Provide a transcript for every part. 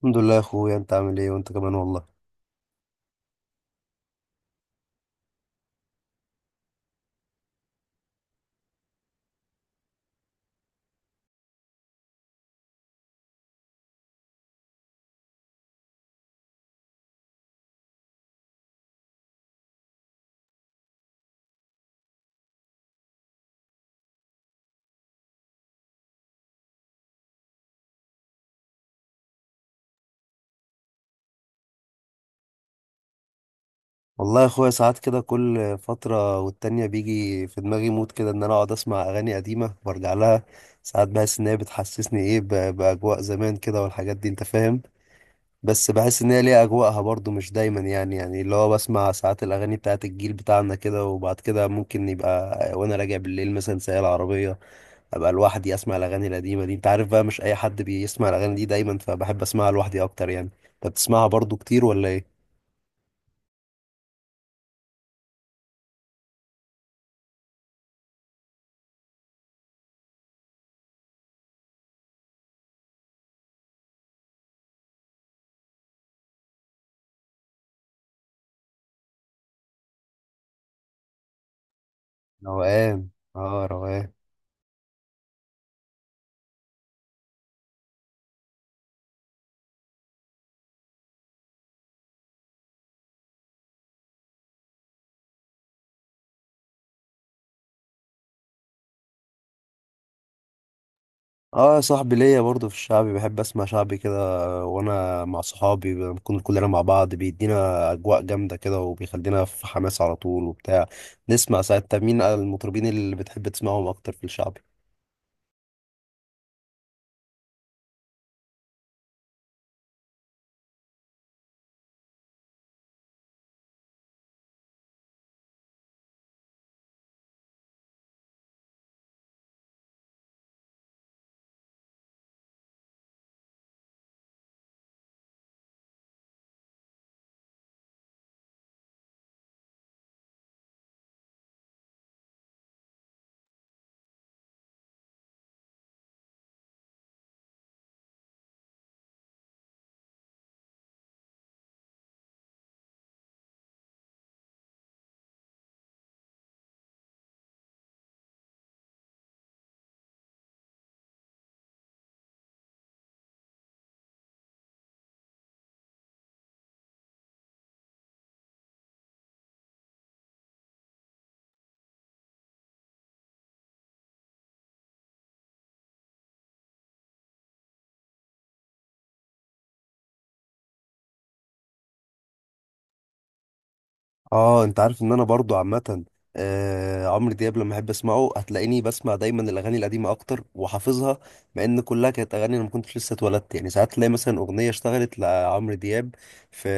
الحمد لله يا اخويا، انت عامل ايه وانت كمان. والله، والله يا اخويا، ساعات كده كل فترة والتانية بيجي في دماغي مود كده ان انا اقعد اسمع اغاني قديمة وارجع لها. ساعات بحس ان هي بتحسسني ايه باجواء زمان كده والحاجات دي انت فاهم. بس بحس ان هي ليها اجواءها برضو، مش دايما يعني اللي هو بسمع ساعات الاغاني بتاعت الجيل بتاعنا كده، وبعد كده ممكن يبقى وانا راجع بالليل مثلا سايق العربية ابقى لوحدي اسمع الاغاني القديمة دي. انت عارف بقى مش اي حد بيسمع الاغاني دي دايما، فبحب اسمعها لوحدي اكتر. يعني انت بتسمعها برضو كتير ولا ايه؟ روقان. اه روقان. اه صاحبي، ليا برضه في الشعبي، بحب اسمع شعبي كده. وانا مع صحابي بنكون كلنا مع بعض بيدينا اجواء جامده كده، وبيخلينا في حماس على طول وبتاع. نسمع ساعات. طب مين المطربين اللي بتحب تسمعهم اكتر في الشعب؟ اه انت عارف ان انا برضو عامه، عمرو دياب لما احب اسمعه هتلاقيني بسمع دايما الاغاني القديمه اكتر وحافظها، مع ان كلها كانت اغاني انا ما كنتش لسه اتولدت. يعني ساعات تلاقي مثلا اغنيه اشتغلت لعمرو دياب في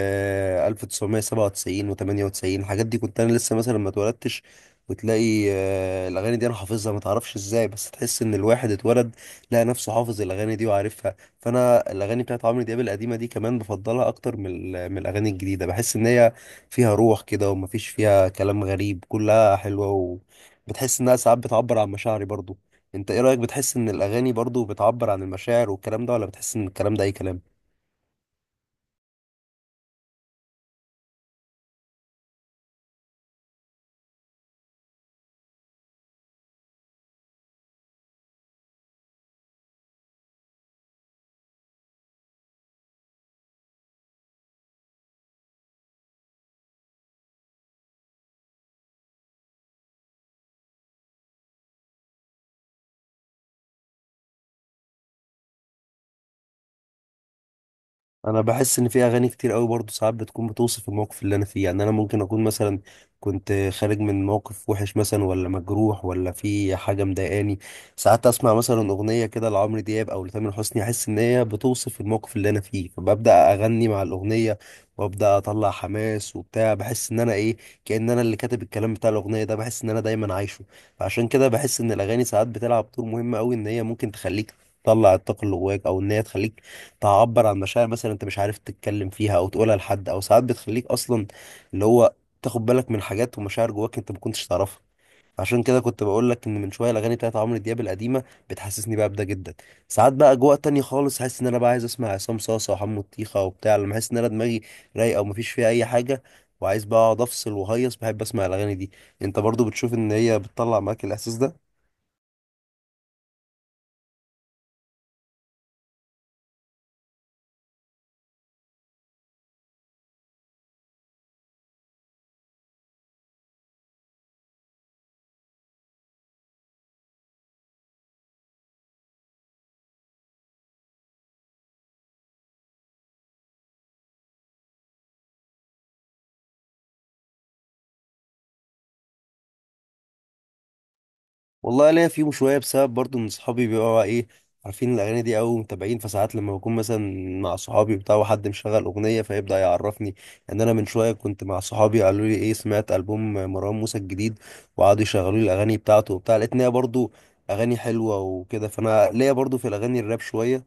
1997 و98، الحاجات دي كنت انا لسه مثلا ما اتولدتش. وتلاقي الاغاني دي انا حافظها ما تعرفش ازاي، بس تحس ان الواحد اتولد لقى نفسه حافظ الاغاني دي وعارفها. فانا الاغاني بتاعت عمرو دياب القديمه دي كمان بفضلها اكتر من الاغاني الجديده. بحس ان هي فيها روح كده، ومفيش فيها كلام غريب، كلها حلوة. وبتحس إنها ساعات بتعبر عن مشاعري برضو. أنت إيه رأيك، بتحس إن الأغاني برضو بتعبر عن المشاعر والكلام ده، ولا بتحس إن الكلام ده أي كلام؟ انا بحس ان في اغاني كتير قوي برضه ساعات بتكون بتوصف الموقف اللي انا فيه. يعني انا ممكن اكون مثلا كنت خارج من موقف وحش مثلا، ولا مجروح، ولا في حاجه مضايقاني، ساعات اسمع مثلا اغنيه كده لعمرو دياب او لتامر حسني، احس ان هي بتوصف الموقف اللي انا فيه، فببدا اغني مع الاغنيه وابدا اطلع حماس وبتاع. بحس ان انا ايه، كأن انا اللي كاتب الكلام بتاع الاغنيه ده، بحس ان انا دايما عايشه. فعشان كده بحس ان الاغاني ساعات بتلعب دور مهم قوي، ان هي ممكن تخليك تطلع الطاقه اللي جواك، او ان هي تخليك تعبر عن مشاعر مثلا انت مش عارف تتكلم فيها او تقولها لحد، او ساعات بتخليك اصلا اللي هو تاخد بالك من حاجات ومشاعر جواك انت ما كنتش تعرفها. عشان كده كنت بقول لك ان من شويه الاغاني بتاعت عمرو دياب القديمه بتحسسني بقى بده جدا. ساعات بقى اجواء تانية خالص، حاسس ان انا بقى عايز اسمع عصام صاصا وحمو طيخه وبتاع، لما احس ان انا دماغي رايقه ومفيش فيها اي حاجه، وعايز بقى اقعد افصل وهيص، بحب اسمع الاغاني دي. انت برضو بتشوف ان هي بتطلع معاك الاحساس ده؟ والله ليا فيهم شويه، بسبب برضو ان صحابي بيبقوا ايه عارفين الاغاني دي او متابعين. فساعات لما بكون مثلا مع صحابي بتاع وحد مشغل اغنيه فيبدا يعرفني. ان انا من شويه كنت مع صحابي قالوا لي ايه، سمعت البوم مروان موسى الجديد؟ وقعدوا يشغلوا لي الاغاني بتاعته وبتاع، لقيت ان هي برضو اغاني حلوه وكده. فانا ليا برضو في الاغاني الراب شويه،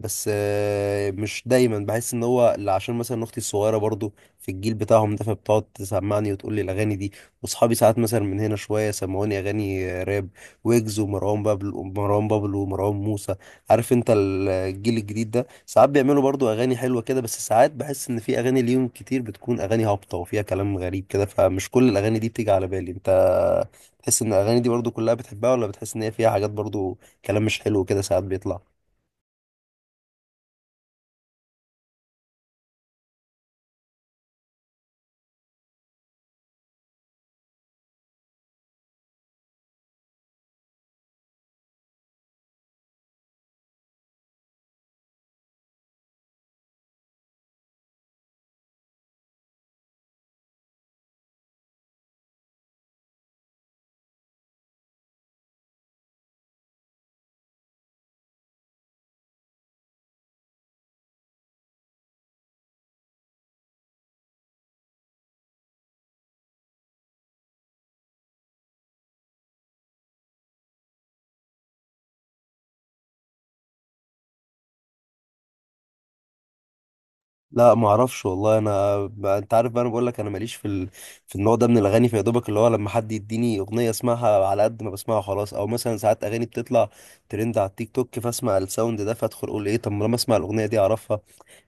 بس مش دايما. بحس ان هو اللي عشان مثلا اختي الصغيره برضو في الجيل بتاعهم ده، فبتقعد تسمعني وتقول لي الاغاني دي، واصحابي ساعات مثلا من هنا شويه سمعوني اغاني راب، ويجز ومروان بابلو ومروان موسى. عارف انت الجيل الجديد ده ساعات بيعملوا برضو اغاني حلوه كده، بس ساعات بحس ان في اغاني ليهم كتير بتكون اغاني هابطه وفيها كلام غريب كده، فمش كل الاغاني دي بتيجي على بالي. انت تحس ان الاغاني دي برضو كلها بتحبها، ولا بتحس ان هي فيها حاجات برضو كلام مش حلو كده ساعات بيطلع؟ لا ما اعرفش والله. انا انت عارف بقى، انا بقول لك انا ماليش في النوع ده من الاغاني. فيا دوبك اللي هو لما حد يديني اغنيه اسمعها على قد ما بسمعها خلاص، او مثلا ساعات اغاني بتطلع ترند على التيك توك فاسمع الساوند ده، فادخل اقول ايه، طب ما لما اسمع الاغنيه دي اعرفها.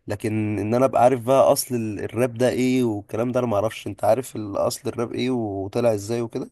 لكن ان انا ابقى عارف بقى اصل الراب ده ايه والكلام ده، انا ما اعرفش. انت عارف الاصل الراب ايه وطلع ازاي وكده؟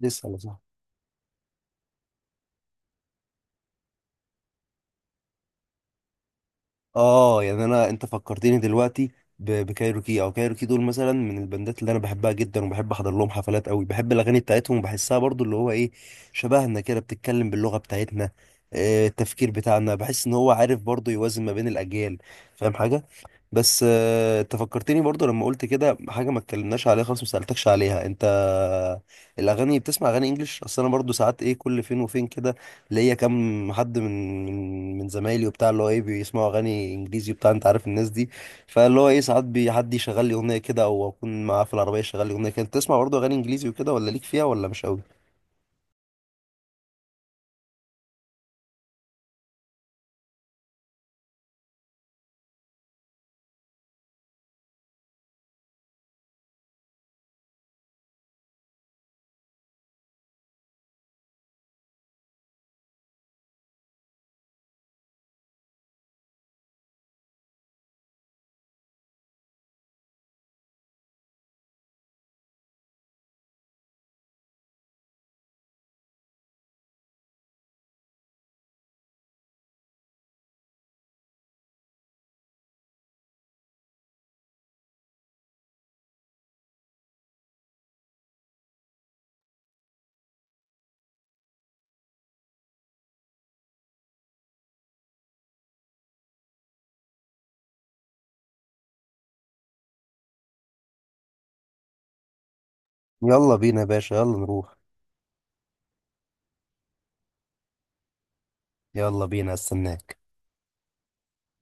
لسه. اه يعني انا انت فكرتني دلوقتي بكايروكي، او كايروكي دول مثلا من البندات اللي انا بحبها جدا، وبحب احضر لهم حفلات قوي. بحب الاغاني بتاعتهم وبحسها برضو اللي هو ايه، شبهنا كده، بتتكلم باللغه بتاعتنا، التفكير بتاعنا، بحس ان هو عارف برضو يوازن ما بين الاجيال، فاهم حاجه. بس انت فكرتني برضو لما قلت كده حاجه ما اتكلمناش عليها خالص، ما سالتكش عليها انت الاغاني، بتسمع اغاني انجليش؟ اصل انا برضو ساعات ايه كل فين وفين كده، ليا كام حد من زمايلي وبتاع اللي هو ايه بيسمعوا اغاني انجليزي وبتاع، انت عارف الناس دي. فاللي هو ايه ساعات حد يشغل لي اغنيه كده، او اكون معاه في العربيه يشغل لي اغنيه كده. انت تسمع برضو اغاني انجليزي وكده، ولا ليك فيها ولا مش قوي؟ يلا بينا يا باشا، يلا نروح. يلا بينا استناك.